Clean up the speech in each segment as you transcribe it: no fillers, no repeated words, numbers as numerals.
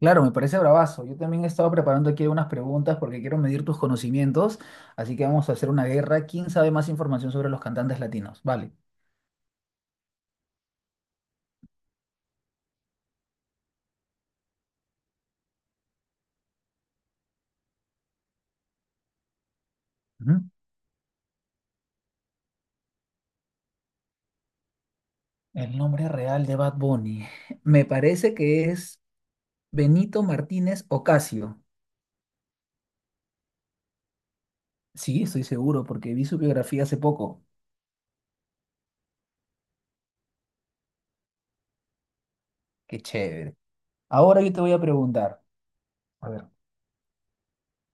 Claro, me parece bravazo. Yo también he estado preparando aquí unas preguntas porque quiero medir tus conocimientos, así que vamos a hacer una guerra. ¿Quién sabe más información sobre los cantantes latinos? Vale. Ujú. El nombre real de Bad Bunny. Me parece que es Benito Martínez Ocasio. Sí, estoy seguro porque vi su biografía hace poco. Qué chévere. Ahora yo te voy a preguntar, a ver,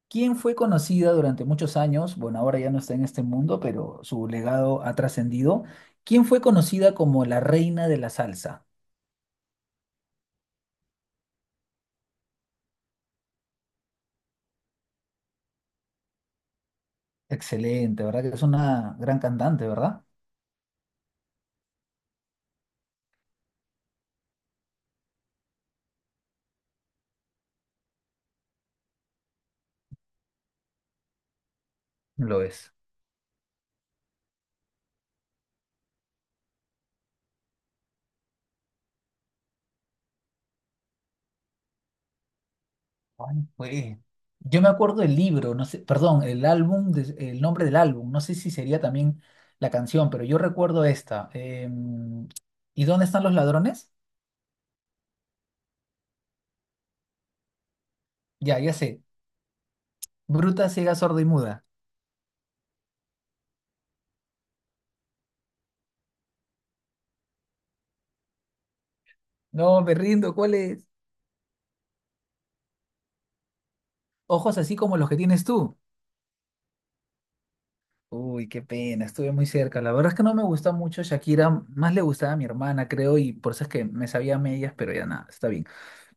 ¿quién fue conocida durante muchos años? Bueno, ahora ya no está en este mundo, pero su legado ha trascendido. ¿Quién fue conocida como la reina de la salsa? Excelente, ¿verdad? Que es una gran cantante, ¿verdad? Lo es. Ay, güey. Yo me acuerdo del libro, no sé, perdón, el álbum, el nombre del álbum, no sé si sería también la canción, pero yo recuerdo esta. ¿Y dónde están los ladrones? Ya, ya sé. Bruta, ciega, sorda y muda. No, me rindo, ¿cuál es? Ojos así como los que tienes tú. Uy, qué pena, estuve muy cerca. La verdad es que no me gusta mucho Shakira, más le gustaba a mi hermana, creo, y por eso es que me sabía a medias, pero ya nada, está bien.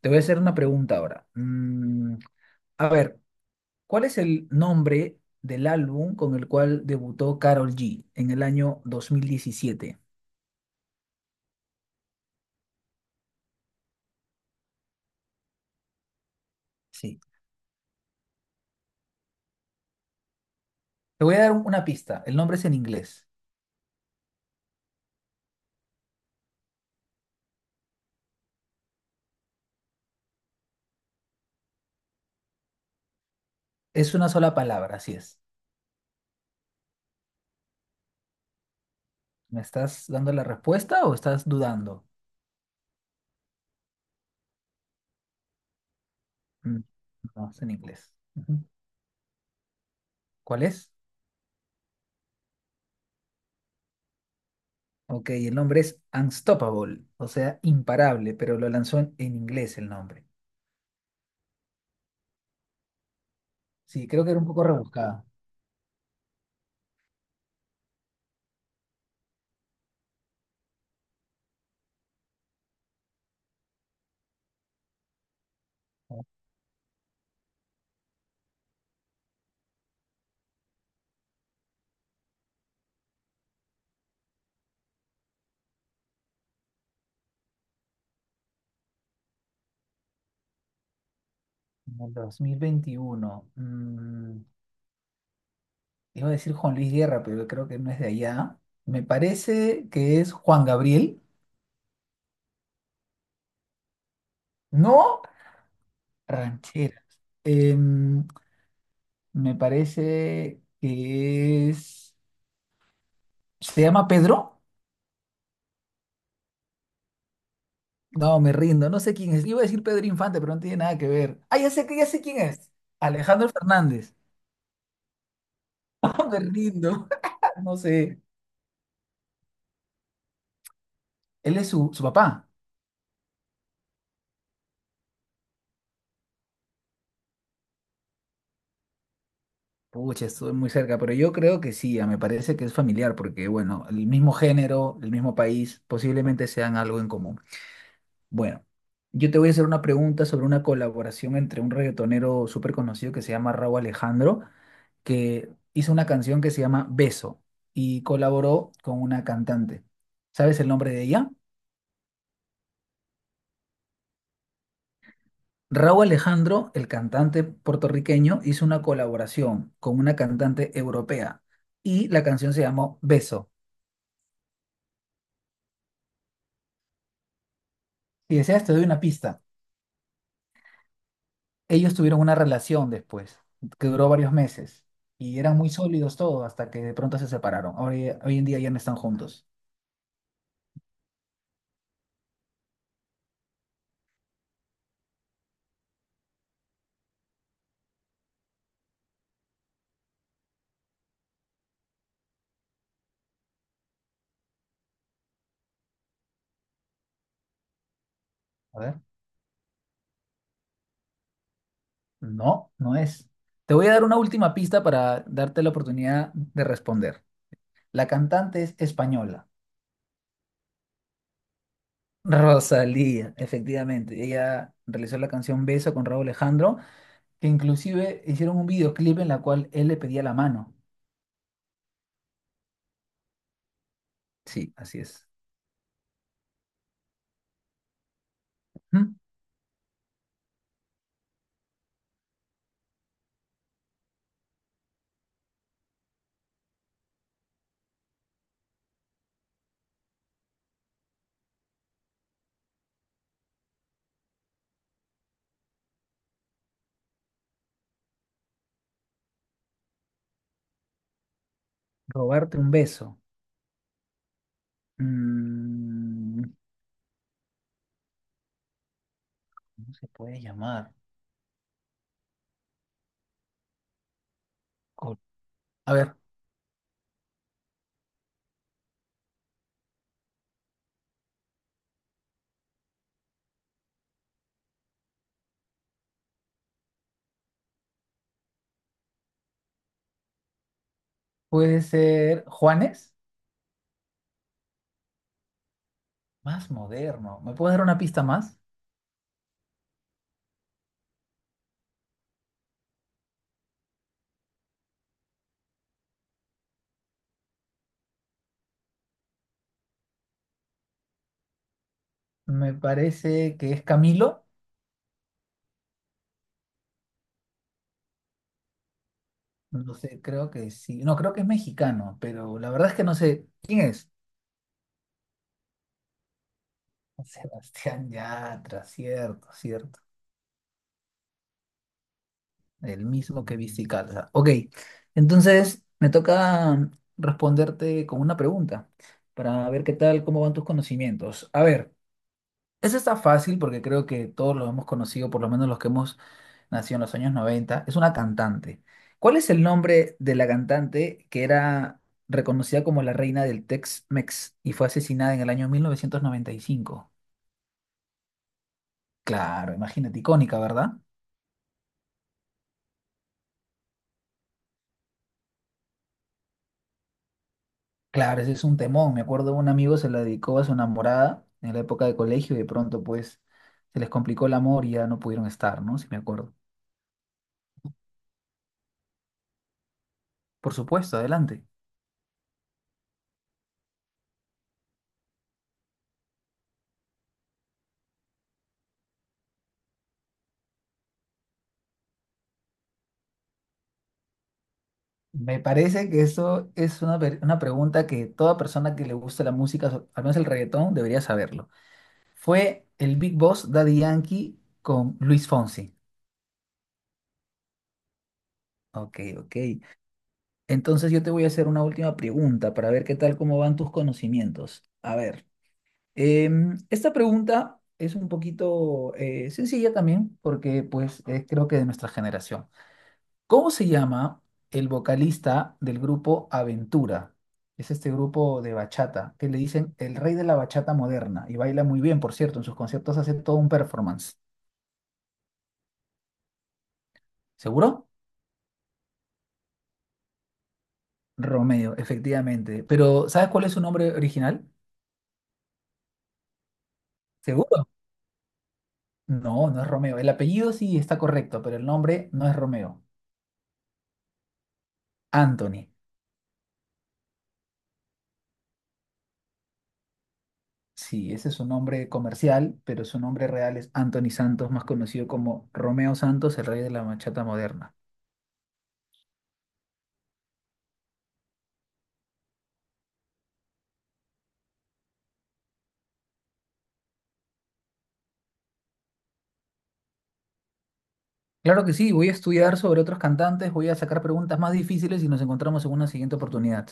Te voy a hacer una pregunta ahora. A ver, ¿cuál es el nombre del álbum con el cual debutó Karol G en el año 2017? Sí. Te voy a dar una pista. El nombre es en inglés. Es una sola palabra, así es. ¿Me estás dando la respuesta o estás dudando? Mm, no, es en inglés. Ujú. ¿Cuál es? Ok, el nombre es Unstoppable, o sea, imparable, pero lo lanzó en inglés el nombre. Sí, creo que era un poco rebuscado. En el 2021 iba a decir Juan Luis Guerra, pero creo que no es de allá. Me parece que es Juan Gabriel. No, rancheras. Em, me parece que es... ¿Se llama Pedro? No, me rindo. No sé quién es. Iba a decir Pedro Infante, pero no tiene nada que ver. Ah, ya sé, ya sé quién es. Alejandro Fernández. No, me rindo. No sé. Él es su papá. Pucha, estuve muy cerca, pero yo creo que sí, ah, me parece que es familiar, porque bueno, el mismo género, el mismo país, posiblemente sean algo en común. Bueno, yo te voy a hacer una pregunta sobre una colaboración entre un reggaetonero súper conocido que se llama Rauw Alejandro, que hizo una canción que se llama Beso y colaboró con una cantante. ¿Sabes el nombre de ella? Rauw Alejandro, el cantante puertorriqueño, hizo una colaboración con una cantante europea y la canción se llamó Beso. Si deseas, te doy una pista. Ellos tuvieron una relación después, que duró varios meses, y eran muy sólidos todos hasta que de pronto se separaron. Hoy en día ya no están juntos. A ver. No, no es. Te voy a dar una última pista para darte la oportunidad de responder. La cantante es española. Rosalía, efectivamente. Ella realizó la canción Beso con Raúl Alejandro, que inclusive hicieron un videoclip en la cual él le pedía la mano. Sí, así es. ¿Mm? Robarte un beso. Mm, ¿Cómo se puede llamar? Col- A ver, puede ser Juanes, más moderno. ¿Me puedes dar una pista más? Me parece que es Camilo. No sé, creo que sí. No, creo que es mexicano, pero la verdad es que no sé quién es. Sebastián Yatra, cierto, cierto. El mismo que viste calza. Ok, entonces me toca responderte con una pregunta para ver qué tal, cómo van tus conocimientos. A ver. Ese está fácil porque creo que todos lo hemos conocido, por lo menos los que hemos nacido en los años 90. Es una cantante. ¿Cuál es el nombre de la cantante que era reconocida como la reina del Tex-Mex y fue asesinada en el año 1995? Claro, imagínate, icónica, ¿verdad? Claro, ese es un temón. Me acuerdo un amigo se la dedicó a su enamorada en la época de colegio y de pronto pues se les complicó el amor y ya no pudieron estar, ¿no? Si me acuerdo. Por supuesto, adelante. Me parece que eso es una pregunta que toda persona que le gusta la música, al menos el reggaetón, debería saberlo. Fue el Big Boss Daddy Yankee con Luis Fonsi. Ok, ok. Entonces yo te voy a hacer una última pregunta para ver qué tal cómo van tus conocimientos. A ver, esta pregunta es un poquito sencilla también porque pues es creo que de nuestra generación. ¿Cómo se llama el vocalista del grupo Aventura? Es este grupo de bachata que le dicen el rey de la bachata moderna y baila muy bien, por cierto, en sus conciertos hace todo un performance. ¿Seguro? Romeo, efectivamente. Pero ¿sabes cuál es su nombre original? ¿Seguro? No, no es Romeo. El apellido sí está correcto, pero el nombre no es Romeo. Anthony. Sí, ese es su nombre comercial, pero su nombre real es Anthony Santos, más conocido como Romeo Santos, el rey de la bachata moderna. Claro que sí, voy a estudiar sobre otros cantantes, voy a sacar preguntas más difíciles y nos encontramos en una siguiente oportunidad.